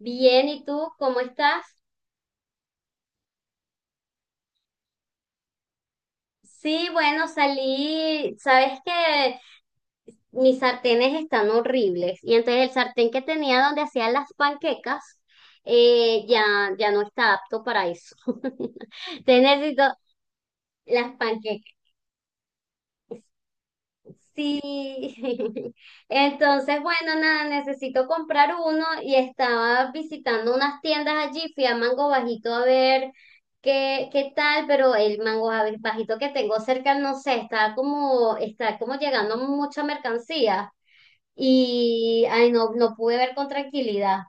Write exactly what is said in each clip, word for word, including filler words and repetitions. Bien, ¿y tú cómo estás? Sí, bueno, salí, sabes que mis sartenes están horribles y entonces el sartén que tenía donde hacía las panquecas eh, ya, ya no está apto para eso. Entonces necesito las panquecas. Sí, entonces bueno, nada, necesito comprar uno y estaba visitando unas tiendas allí, fui a Mango Bajito a ver qué, qué tal, pero el Mango Bajito que tengo cerca, no sé, está como, está como llegando mucha mercancía y ay, no, no pude ver con tranquilidad.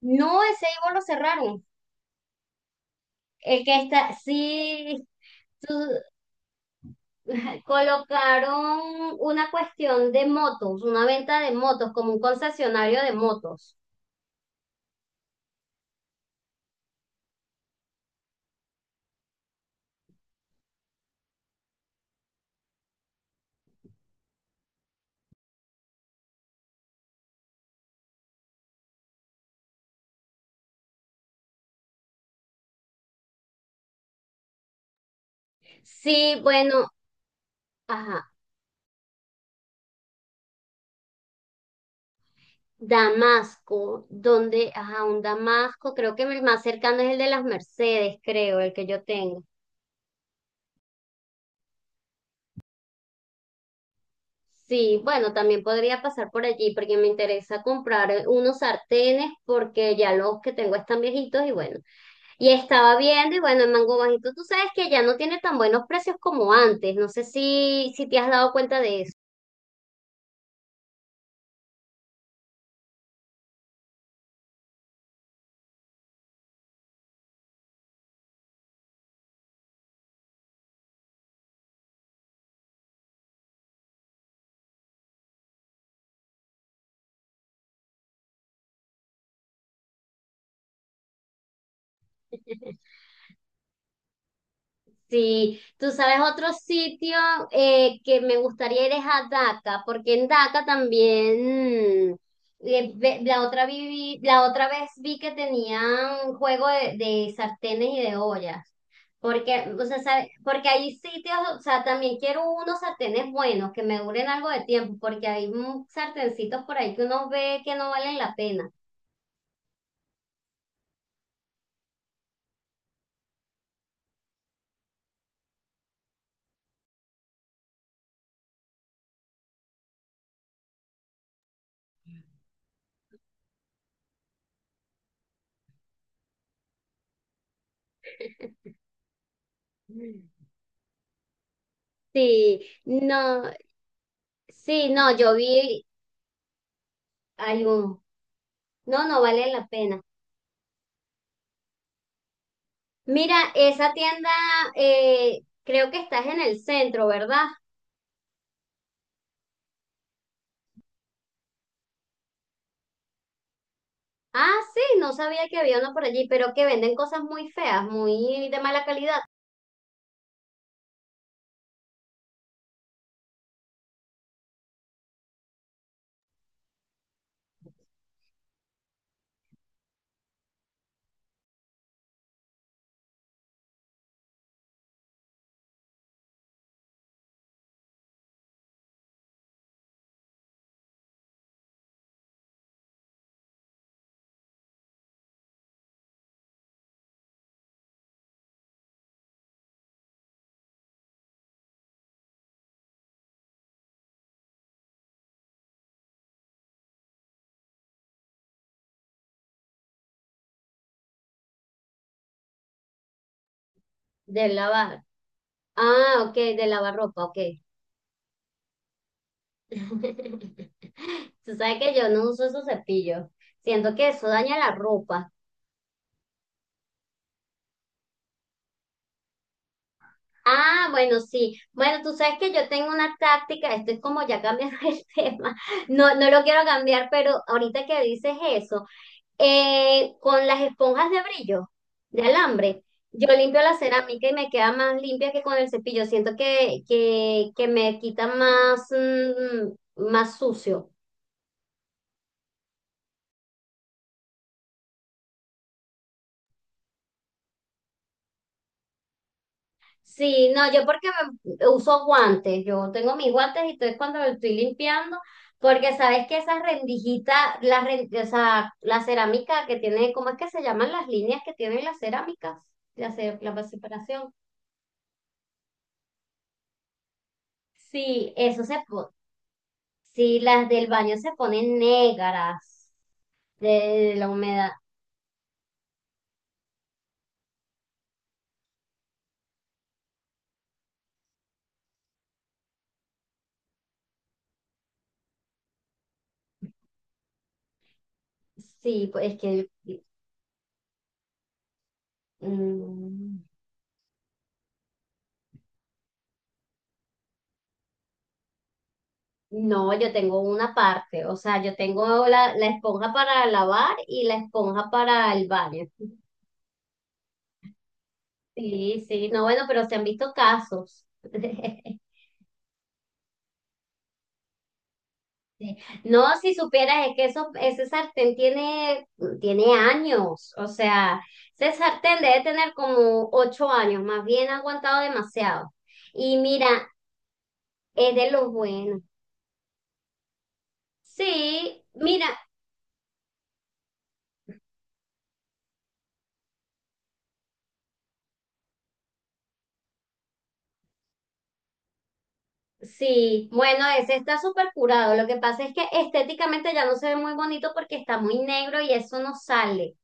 No, ese Ivo lo cerraron. El que está, sí, colocaron una cuestión de motos, una venta de motos, como un concesionario de motos. Sí, bueno, ajá, Damasco, donde, ajá, un Damasco, creo que el más cercano es el de las Mercedes, creo, el que yo tengo. Sí, bueno, también podría pasar por allí porque me interesa comprar unos sartenes porque ya los que tengo están viejitos y bueno. Y estaba viendo y bueno, en Mango Bajito tú sabes que ya no tiene tan buenos precios como antes. No sé si, si te has dado cuenta de eso. Sí, tú sabes otro sitio eh, que me gustaría ir es a Daca, porque en Daca también mm, eh, ve- la otra viví, la otra vez vi que tenían juego de, de sartenes y de ollas. Porque, o sea, sabe- porque hay sitios, o sea, también quiero unos sartenes buenos que me duren algo de tiempo, porque hay mm, sartencitos por ahí que uno ve que no valen la pena. Sí, no, sí, no, yo vi, hay un no, no vale la pena. Mira, esa tienda, eh, creo que estás en el centro, ¿verdad? Ah, sí, no sabía que había una por allí, pero que venden cosas muy feas, muy de mala calidad, de lavar. Ah, ok, de lavar ropa, ok. Tú sabes que yo no uso esos cepillos. Siento que eso daña la ropa. Ah, bueno, sí. Bueno, tú sabes que yo tengo una táctica, esto es como ya cambiando el tema. No, no lo quiero cambiar, pero ahorita que dices eso. Eh, con las esponjas de brillo, de alambre, yo limpio la cerámica y me queda más limpia que con el cepillo. Siento que, que, que me quita más, mm, más sucio. Sí, no, yo porque me- uso guantes, yo tengo mis guantes y entonces cuando lo estoy limpiando, porque sabes que esas rendijitas, las, ren- o sea, la cerámica que tiene, ¿cómo es que se llaman las líneas que tienen las cerámicas? La, ce- la separación. Sí, eso se, sí, las del baño se ponen negras de, de la humedad. Sí, pues es que mm, no, yo tengo una parte, o sea, yo tengo la, la esponja para lavar y la esponja para el baño. Sí, sí, no, bueno, pero se han visto casos. Sí. No, si supieras, es que eso, ese sartén tiene, tiene años, o sea, ese sartén debe tener como ocho años, más bien ha aguantado demasiado. Y mira, es de los buenos. Sí, mira, sí, bueno, ese está súper curado. Lo que pasa es que estéticamente ya no se ve muy bonito porque está muy negro y eso no sale.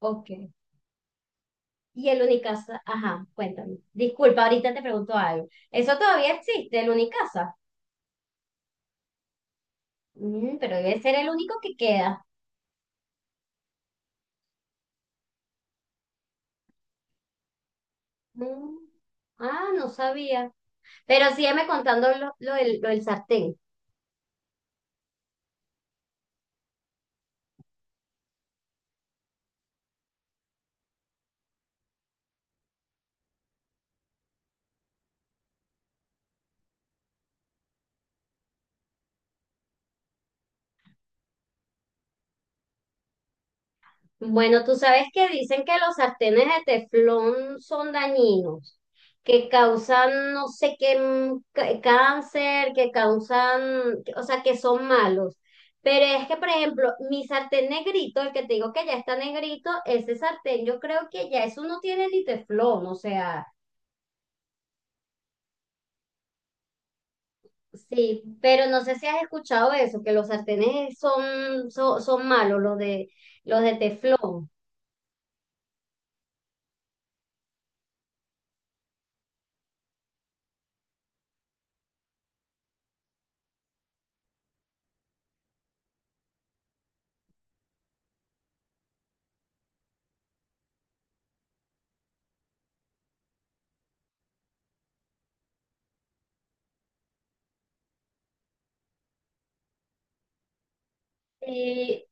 Ok. Y el Unicasa, ajá, cuéntame. Disculpa, ahorita te pregunto algo. ¿Eso todavía existe, el Unicasa? Mm, pero debe ser el único que queda. Mm, ah, no sabía. Pero sígueme contando lo, lo del, lo del sartén. Bueno, tú sabes que dicen que los sartenes de teflón son dañinos, que causan no sé qué mm, ca- cáncer, que causan, o sea, que son malos. Pero es que, por ejemplo, mi sartén negrito, el que te digo que ya está negrito, ese sartén yo creo que ya eso no tiene ni teflón, o sea, sí, pero no sé si has escuchado eso, que los sartenes son, son, son malos, los de, los de teflón. Y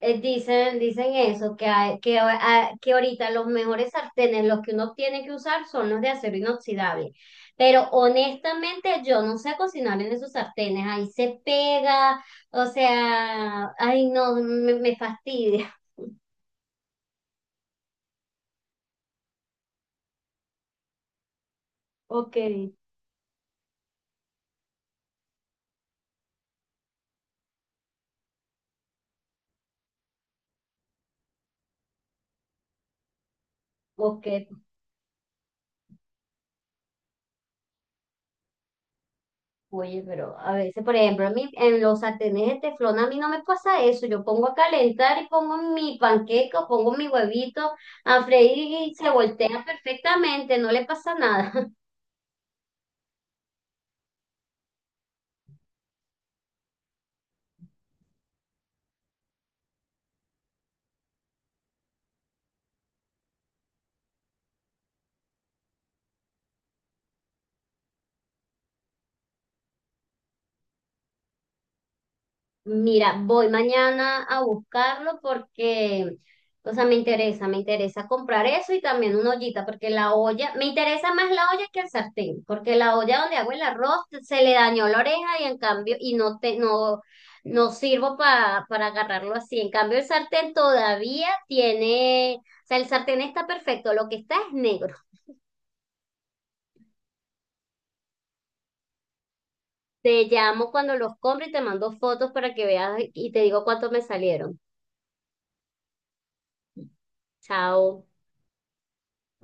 eh, dicen, dicen eso, que, hay- que, a- que ahorita los mejores sartenes, los que uno tiene que usar, son los de acero inoxidable. Pero honestamente, yo no sé cocinar en esos sartenes. Ahí se pega, o sea, ay, no, me, me fastidia. Ok, ok, oye, pero a veces, por ejemplo, en, mi- en los sartenes de teflón a mí no me pasa eso. Yo pongo a calentar y pongo mi panqueca, pongo mi huevito a freír y se voltea perfectamente, no le pasa nada. Mira, voy mañana a buscarlo porque, o sea, me interesa, me interesa comprar eso y también una ollita, porque la olla, me interesa más la olla que el sartén, porque la olla donde hago el arroz se le dañó la oreja y en cambio, y no te, no, no sirvo pa- para agarrarlo así. En cambio, el sartén todavía tiene, o sea, el sartén está perfecto, lo que está es negro. Te llamo cuando los compre y te mando fotos para que veas y te digo cuánto me salieron. Chao.